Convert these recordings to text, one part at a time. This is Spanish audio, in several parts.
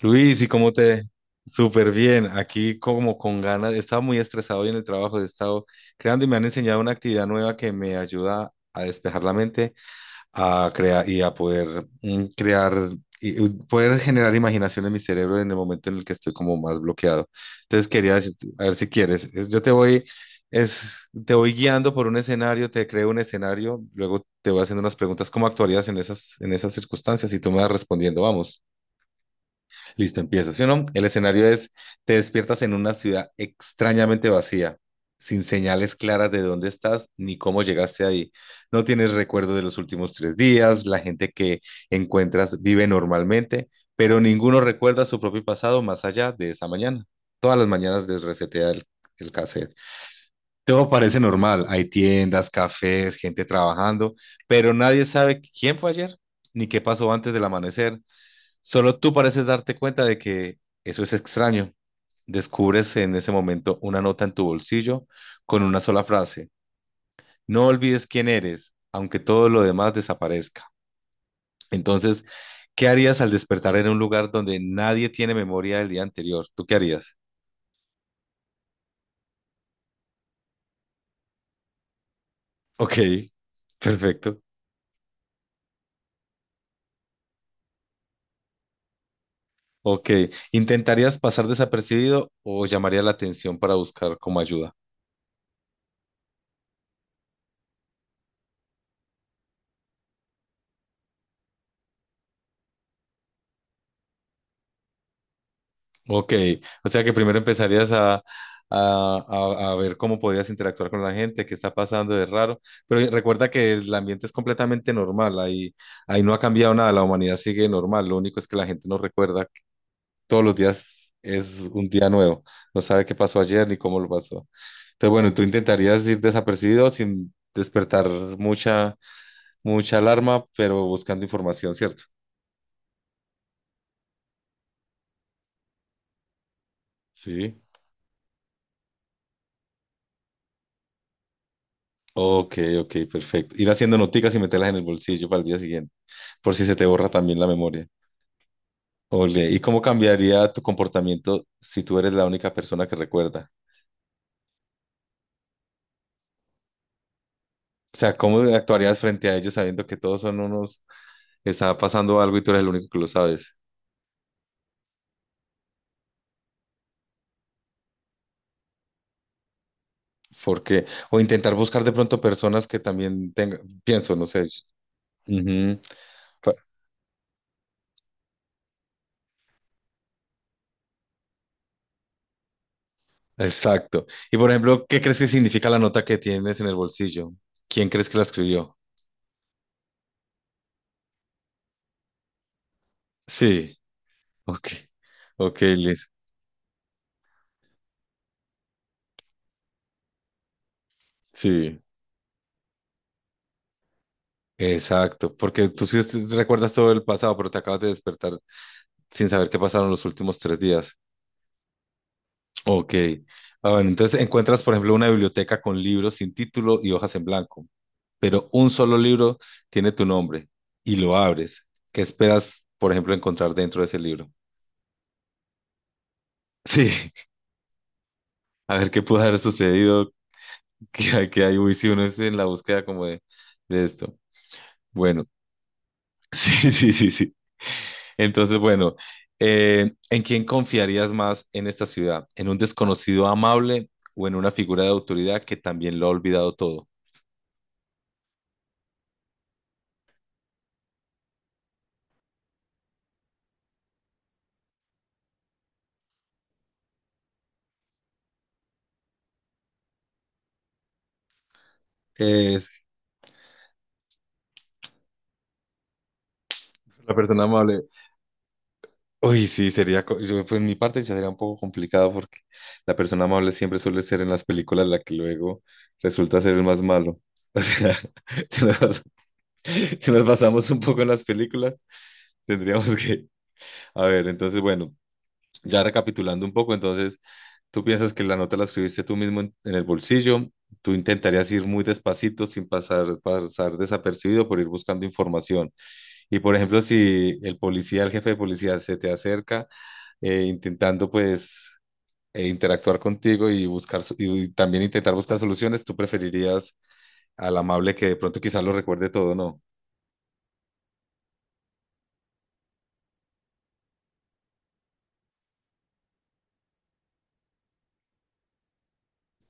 Luis, ¿y cómo te? Súper bien, aquí como con ganas, estaba muy estresado hoy en el trabajo, he estado creando y me han enseñado una actividad nueva que me ayuda a despejar la mente, a crear y a poder crear y poder generar imaginación en mi cerebro en el momento en el que estoy como más bloqueado. Entonces quería decirte, a ver si quieres, yo te voy, es, te voy guiando por un escenario, te creo un escenario, luego te voy haciendo unas preguntas, ¿cómo actuarías en en esas circunstancias? Y tú me vas respondiendo, vamos. Listo, empieza. ¿Sí o no? El escenario es, te despiertas en una ciudad extrañamente vacía, sin señales claras de dónde estás ni cómo llegaste ahí. No tienes recuerdo de los últimos tres días, la gente que encuentras vive normalmente, pero ninguno recuerda su propio pasado más allá de esa mañana. Todas las mañanas desresetea el cassette. Todo parece normal, hay tiendas, cafés, gente trabajando, pero nadie sabe quién fue ayer ni qué pasó antes del amanecer. Solo tú pareces darte cuenta de que eso es extraño. Descubres en ese momento una nota en tu bolsillo con una sola frase. No olvides quién eres, aunque todo lo demás desaparezca. Entonces, ¿qué harías al despertar en un lugar donde nadie tiene memoria del día anterior? ¿Tú qué harías? Ok, perfecto. Ok, ¿intentarías pasar desapercibido o llamarías la atención para buscar como ayuda? Ok, o sea que primero empezarías a ver cómo podías interactuar con la gente, qué está pasando de raro, pero recuerda que el ambiente es completamente normal, ahí no ha cambiado nada, la humanidad sigue normal, lo único es que la gente no recuerda, todos los días es un día nuevo, no sabe qué pasó ayer ni cómo lo pasó. Entonces, bueno, tú intentarías ir desapercibido sin despertar mucha, mucha alarma, pero buscando información, ¿cierto? Sí. Ok, ok, perfecto. Ir haciendo noticas y meterlas en el bolsillo para el día siguiente. Por si se te borra también la memoria. Ole, ¿y cómo cambiaría tu comportamiento si tú eres la única persona que recuerda? O sea, ¿cómo actuarías frente a ellos sabiendo que todos son unos, está pasando algo y tú eres el único que lo sabes? Porque, o intentar buscar de pronto personas que también tengan, pienso, no sé. Ujú. Fa- Exacto. Y por ejemplo, ¿qué crees que significa la nota que tienes en el bolsillo? ¿Quién crees que la escribió? Sí, ok, ok, Liz. Sí. Exacto, porque tú sí recuerdas todo el pasado, pero te acabas de despertar sin saber qué pasaron los últimos tres días. Ok. Ah, bueno, entonces encuentras, por ejemplo, una biblioteca con libros sin título y hojas en blanco, pero un solo libro tiene tu nombre y lo abres. ¿Qué esperas, por ejemplo, encontrar dentro de ese libro? Sí, a ver qué pudo haber sucedido, que, que hay, uy, si uno es en la búsqueda como de esto. Bueno, sí, sí, sí, sí. Entonces, bueno, ¿en quién confiarías más en esta ciudad? ¿En un desconocido amable o en una figura de autoridad que también lo ha olvidado todo? Es la persona amable. Uy, sí, sería, yo, pues, en mi parte ya sería un poco complicado porque la persona amable siempre suele ser en las películas la que luego resulta ser el más malo. O sea, si si nos basamos un poco en las películas, tendríamos que... A ver, entonces, bueno, ya recapitulando un poco, entonces... Tú piensas que la nota la escribiste tú mismo en el bolsillo, tú intentarías ir muy despacito sin pasar desapercibido por ir buscando información. Y por ejemplo, si el policía, el jefe de policía se te acerca intentando pues interactuar contigo y buscar y también intentar buscar soluciones, tú preferirías al amable que de pronto quizás lo recuerde todo, ¿no?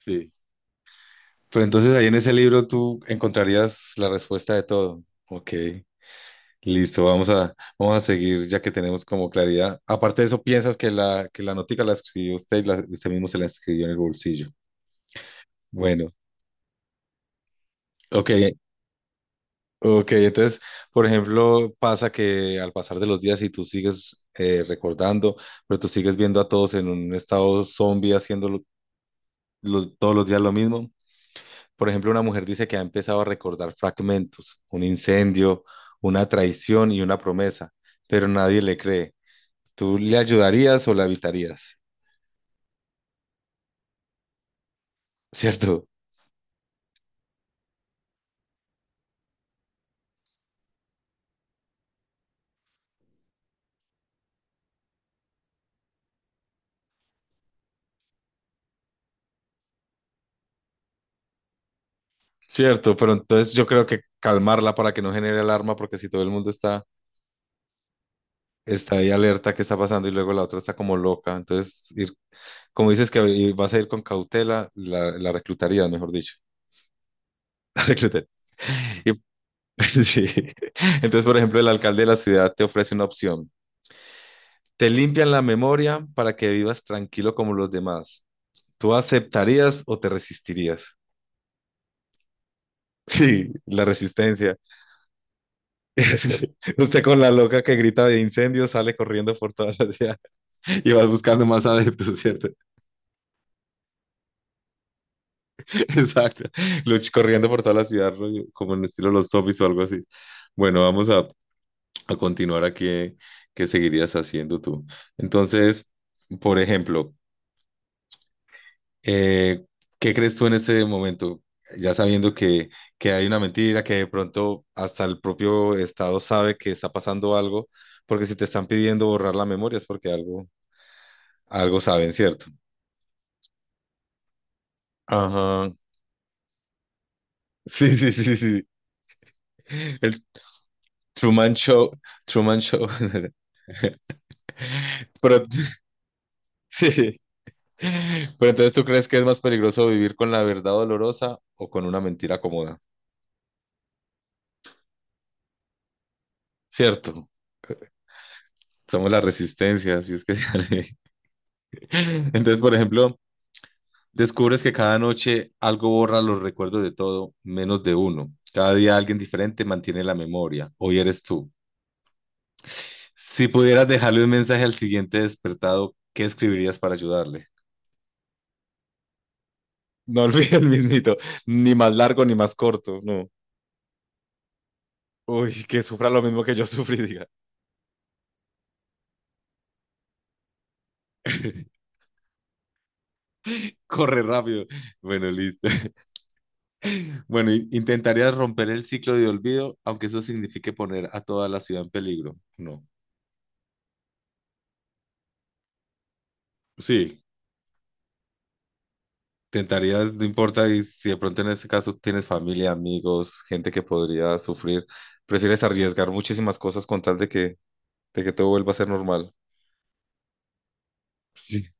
Sí. Pero entonces ahí en ese libro tú encontrarías la respuesta de todo. Ok. Listo, vamos a seguir ya que tenemos como claridad. Aparte de eso, piensas que que la notica la escribió usted y usted mismo se la escribió en el bolsillo. Bueno, ok, ok. Entonces, por ejemplo, pasa que al pasar de los días y tú sigues recordando, pero tú sigues viendo a todos en un estado zombie haciendo todos los días lo mismo. Por ejemplo, una mujer dice que ha empezado a recordar fragmentos, un incendio, una traición y una promesa, pero nadie le cree. ¿Tú le ayudarías o la evitarías? Cierto, cierto, pero entonces yo creo que calmarla para que no genere alarma, porque si todo el mundo está ahí alerta, ¿qué está pasando? Y luego la otra está como loca. Entonces, ir, como dices que vas a ir con cautela, la reclutaría, mejor dicho. La reclutaría. Y- sí. Entonces, por ejemplo, el alcalde de la ciudad te ofrece una opción. Te limpian la memoria para que vivas tranquilo como los demás. ¿Tú aceptarías o te resistirías? Sí, la resistencia. Usted con la loca que grita de incendio sale corriendo por toda la ciudad y vas buscando más adeptos, ¿cierto? Exacto. Corriendo por toda la ciudad, rollo, como en estilo los zombies o algo así. Bueno, a continuar aquí. ¿Qué seguirías haciendo tú? Entonces, por ejemplo, eh, ¿qué crees tú en este momento? Ya sabiendo que hay una mentira, que de pronto hasta el propio Estado sabe que está pasando algo, porque si te están pidiendo borrar la memoria es porque algo Algo saben, ¿cierto? Ajá. Sí, sí, sí, sí. El Truman Show. Truman Show. Pero, sí. Pero entonces, ¿tú crees que es más peligroso vivir con la verdad dolorosa o con una mentira cómoda? Cierto. Somos la resistencia, así es que... Entonces, por ejemplo, descubres que cada noche algo borra los recuerdos de todo, menos de uno. Cada día alguien diferente mantiene la memoria. Hoy eres tú. Si pudieras dejarle un mensaje al siguiente despertado, ¿qué escribirías para ayudarle? No olvides el mismito, ni más largo ni más corto, no. Uy, que sufra lo mismo que yo sufrí, diga. Corre rápido. Bueno, listo. Bueno, intentarías romper el ciclo de olvido, aunque eso signifique poner a toda la ciudad en peligro. No. Sí, intentarías, no importa, y si de pronto en este caso tienes familia, amigos, gente que podría sufrir, prefieres arriesgar muchísimas cosas con tal de de que todo vuelva a ser normal. Sí.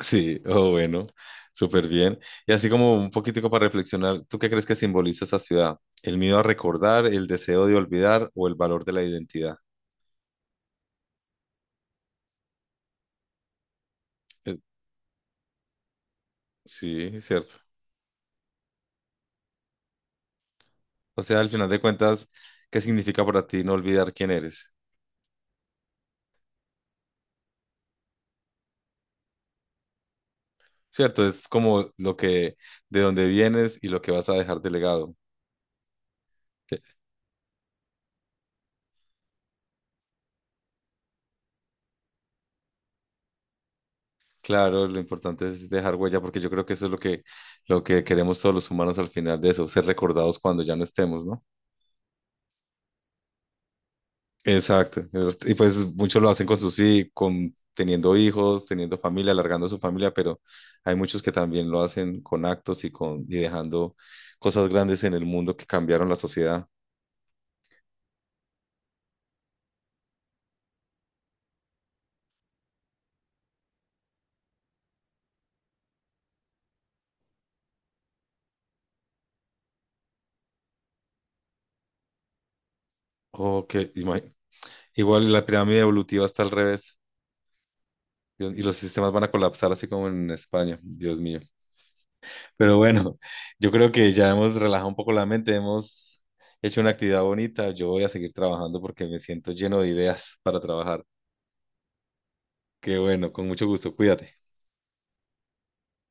Sí, oh, bueno, súper bien. Y así como un poquitico para reflexionar, ¿tú qué crees que simboliza esa ciudad? ¿El miedo a recordar, el deseo de olvidar o el valor de la identidad? Eh, Sí, cierto. O sea, al final de cuentas, ¿qué significa para ti no olvidar quién eres? Cierto, es como lo de dónde vienes y lo que vas a dejar de legado. Que- Claro, lo importante es dejar huella, porque yo creo que eso es lo lo que queremos todos los humanos al final de eso, ser recordados cuando ya no estemos, ¿no? Exacto. Y pues muchos lo hacen con sus con teniendo hijos, teniendo familia, alargando su familia, pero hay muchos que también lo hacen con actos y con y dejando cosas grandes en el mundo que cambiaron la sociedad. O ima- igual la pirámide evolutiva está al revés. Dios- Y los sistemas van a colapsar así como en España, Dios mío. Pero bueno, yo creo que ya hemos relajado un poco la mente, hemos hecho una actividad bonita. Yo voy a seguir trabajando porque me siento lleno de ideas para trabajar. Qué bueno, con mucho gusto, cuídate.